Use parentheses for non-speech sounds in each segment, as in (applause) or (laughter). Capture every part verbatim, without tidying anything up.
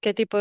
¿Qué tipo?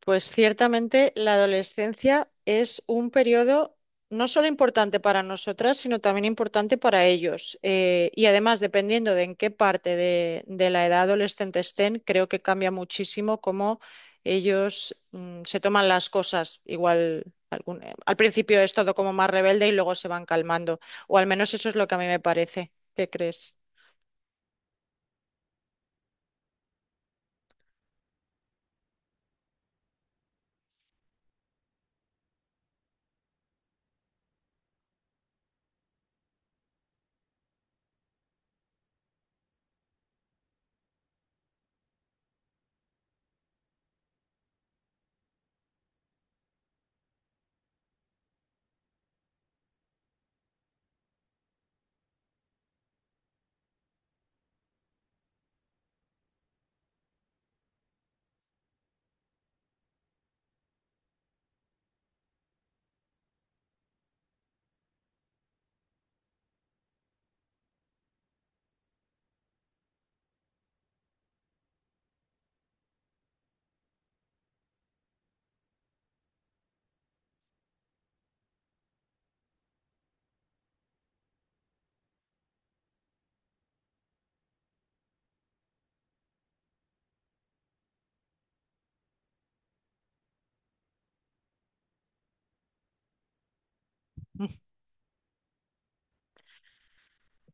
Pues ciertamente la adolescencia es un periodo no solo importante para nosotras, sino también importante para ellos. Eh, y además, dependiendo de en qué parte de, de la edad adolescente estén, creo que cambia muchísimo cómo ellos mm, se toman las cosas. Igual algún- eh, al principio es todo como más rebelde y luego se van calmando. O al menos eso es lo que a mí me parece. ¿Qué crees?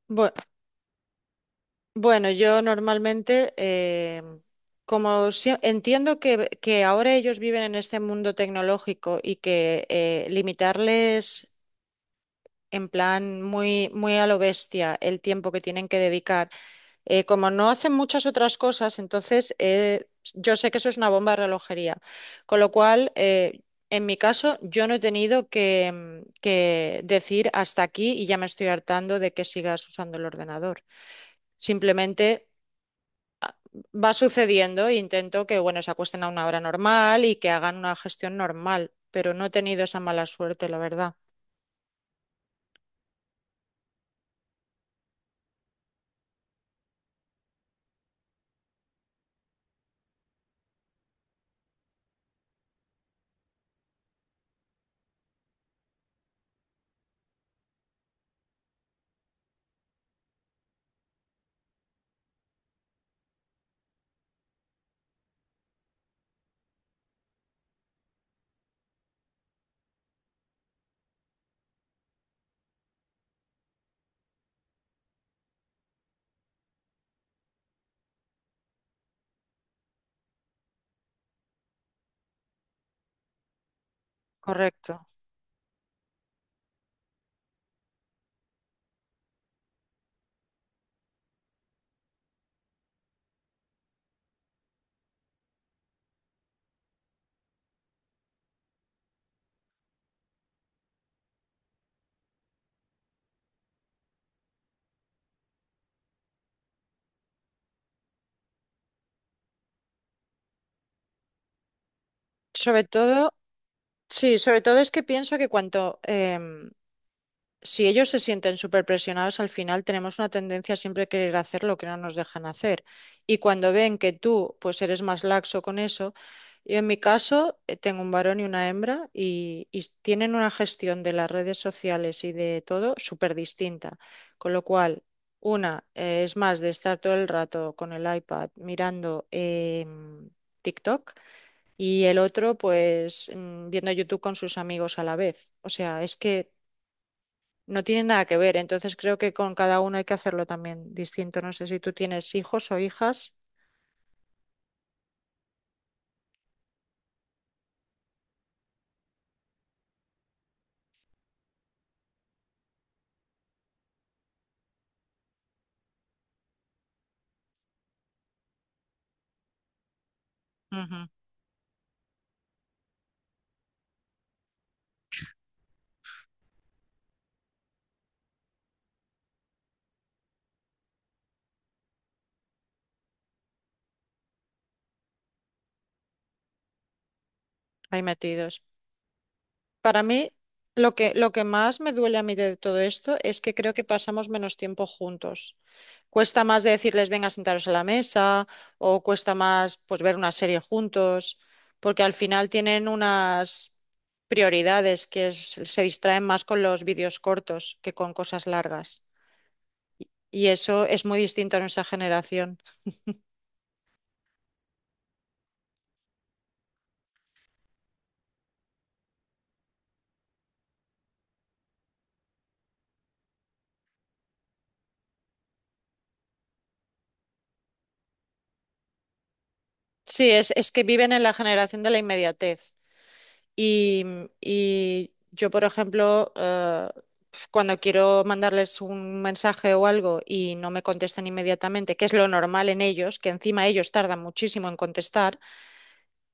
Bueno. Bueno, yo normalmente, eh, como sie- entiendo que, que ahora ellos viven en este mundo tecnológico y que eh, limitarles en plan muy, muy a lo bestia el tiempo que tienen que dedicar, eh, como no hacen muchas otras cosas, entonces eh, yo sé que eso es una bomba de relojería. Con lo cual, eh, en mi caso, yo no he tenido que, mm, que decir hasta aquí y ya me estoy hartando de que sigas usando el ordenador. Simplemente va sucediendo, e intento que, bueno, se acuesten a una hora normal y que hagan una gestión normal, pero no he tenido esa mala suerte, la verdad. Correcto. Sobre todo, sí, sobre todo es que pienso que cuanto, em, si ellos se sienten súper presionados, al final tenemos una tendencia a siempre querer hacer lo que no nos dejan hacer. Y cuando ven que tú, pues eres más laxo con eso, yo en mi caso eh, tengo un varón y una hembra y, y tienen una gestión de las redes sociales y de todo súper distinta. Con lo cual, una eh, es más de estar todo el rato con el iPad mirando em, TikTok y el otro, pues mm, viendo YouTube con sus amigos a la vez. O sea, es que no tiene nada que ver, entonces creo que con cada uno hay que hacerlo también distinto. ¿No sé si tú tienes hijos o hijas? Ujú. Ahí metidos. Para mí, lo que, lo que más me duele a mí de todo esto es que creo que pasamos menos tiempo juntos. Cuesta más de decirles, venga, sentaros a la mesa, o cuesta más pues ver una serie juntos, porque al final tienen unas prioridades que es- se distraen más con los vídeos cortos que con cosas largas. Y eso es muy distinto a nuestra generación. Sí, es, es que viven en la generación de la inmediatez. Y, mm, y yo, por ejemplo, eh, cuando quiero mandarles un mensaje o algo y no me contestan inmediatamente, que es lo normal en ellos, que encima ellos tardan muchísimo en contestar,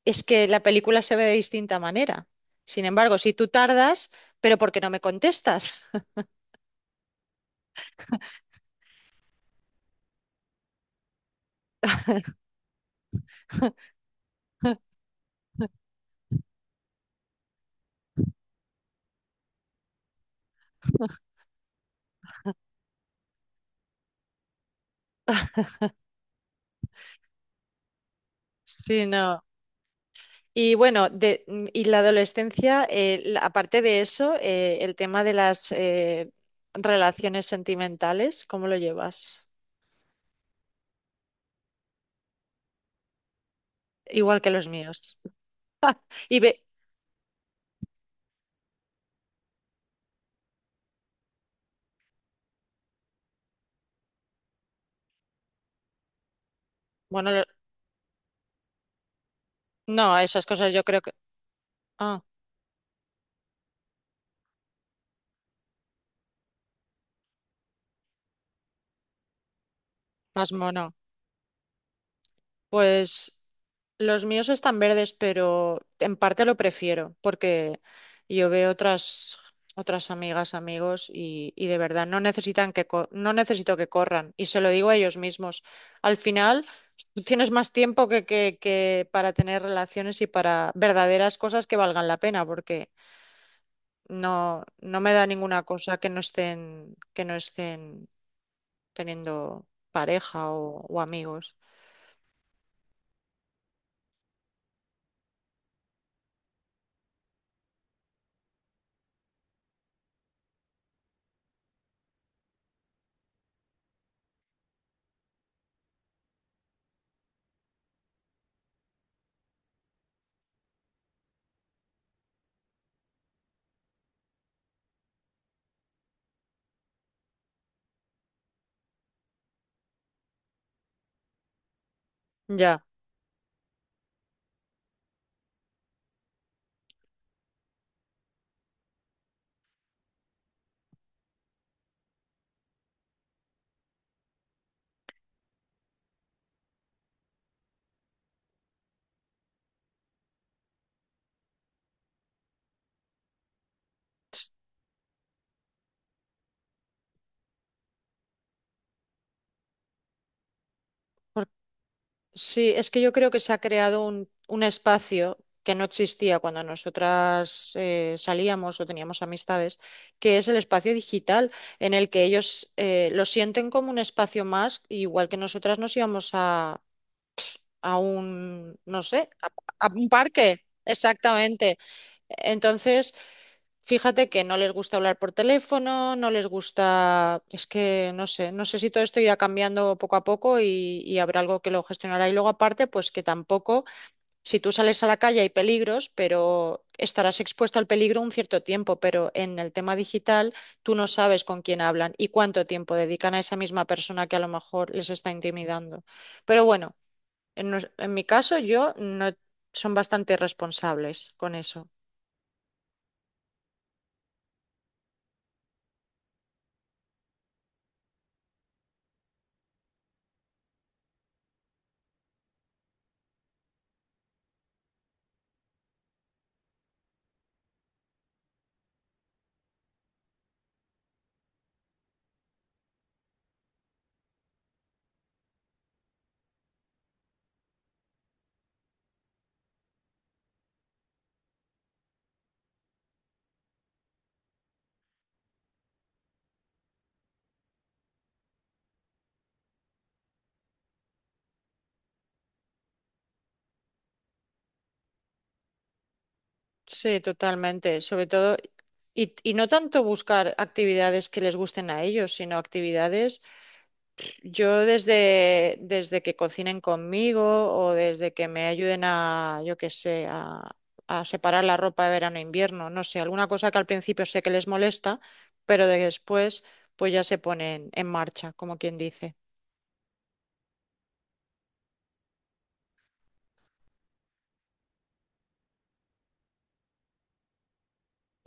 es que la película se ve de distinta manera. Sin embargo, si tú tardas, pero ¿por qué no me contestas? (laughs) Sí, no. Y bueno, de, mm, y la adolescencia, eh, la- aparte de eso, eh, el tema de las eh, relaciones sentimentales, ¿cómo lo llevas? Igual que los míos. Y ve, bueno, lo- no, esas cosas yo creo que… Ah, más mono. Pues los míos están verdes, pero en parte lo prefiero porque yo veo otras, otras amigas, amigos y, y de verdad no necesitan que co- no necesito que corran y se lo digo a ellos mismos. Al final tú tienes más tiempo que, que, que para tener relaciones y para verdaderas cosas que valgan la pena porque no, no me da ninguna cosa que no estén, que no estén teniendo pareja o, o amigos. Ya. Sí, es que yo creo que se ha creado un, un espacio que no existía cuando nosotras eh, salíamos o teníamos amistades, que es el espacio digital, en el que ellos eh, lo sienten como un espacio más, igual que nosotras nos íbamos a, a un, no sé, a, a un parque. Exactamente. Entonces, Fíjate que no les gusta hablar por teléfono, no les gusta, es que no sé, no sé si todo esto irá cambiando poco a poco y, y habrá algo que lo gestionará. Y luego aparte, pues que tampoco, si tú sales a la calle hay peligros, pero estarás expuesto al peligro un cierto tiempo, pero en el tema digital tú no sabes con quién hablan y cuánto tiempo dedican a esa misma persona que a lo mejor les está intimidando. Pero bueno, en, nos- en mi caso yo no, son bastante responsables con eso. Sí, totalmente. Sobre todo Y, y no tanto buscar actividades que les gusten a ellos, sino actividades, pff, yo desde, desde que cocinen conmigo o desde que me ayuden a, yo qué sé, a, a separar la ropa de verano e invierno, no sé, alguna cosa que al principio sé que les molesta, pero de después pues ya se ponen en marcha, como quien dice.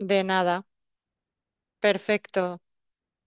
De nada, perfecto.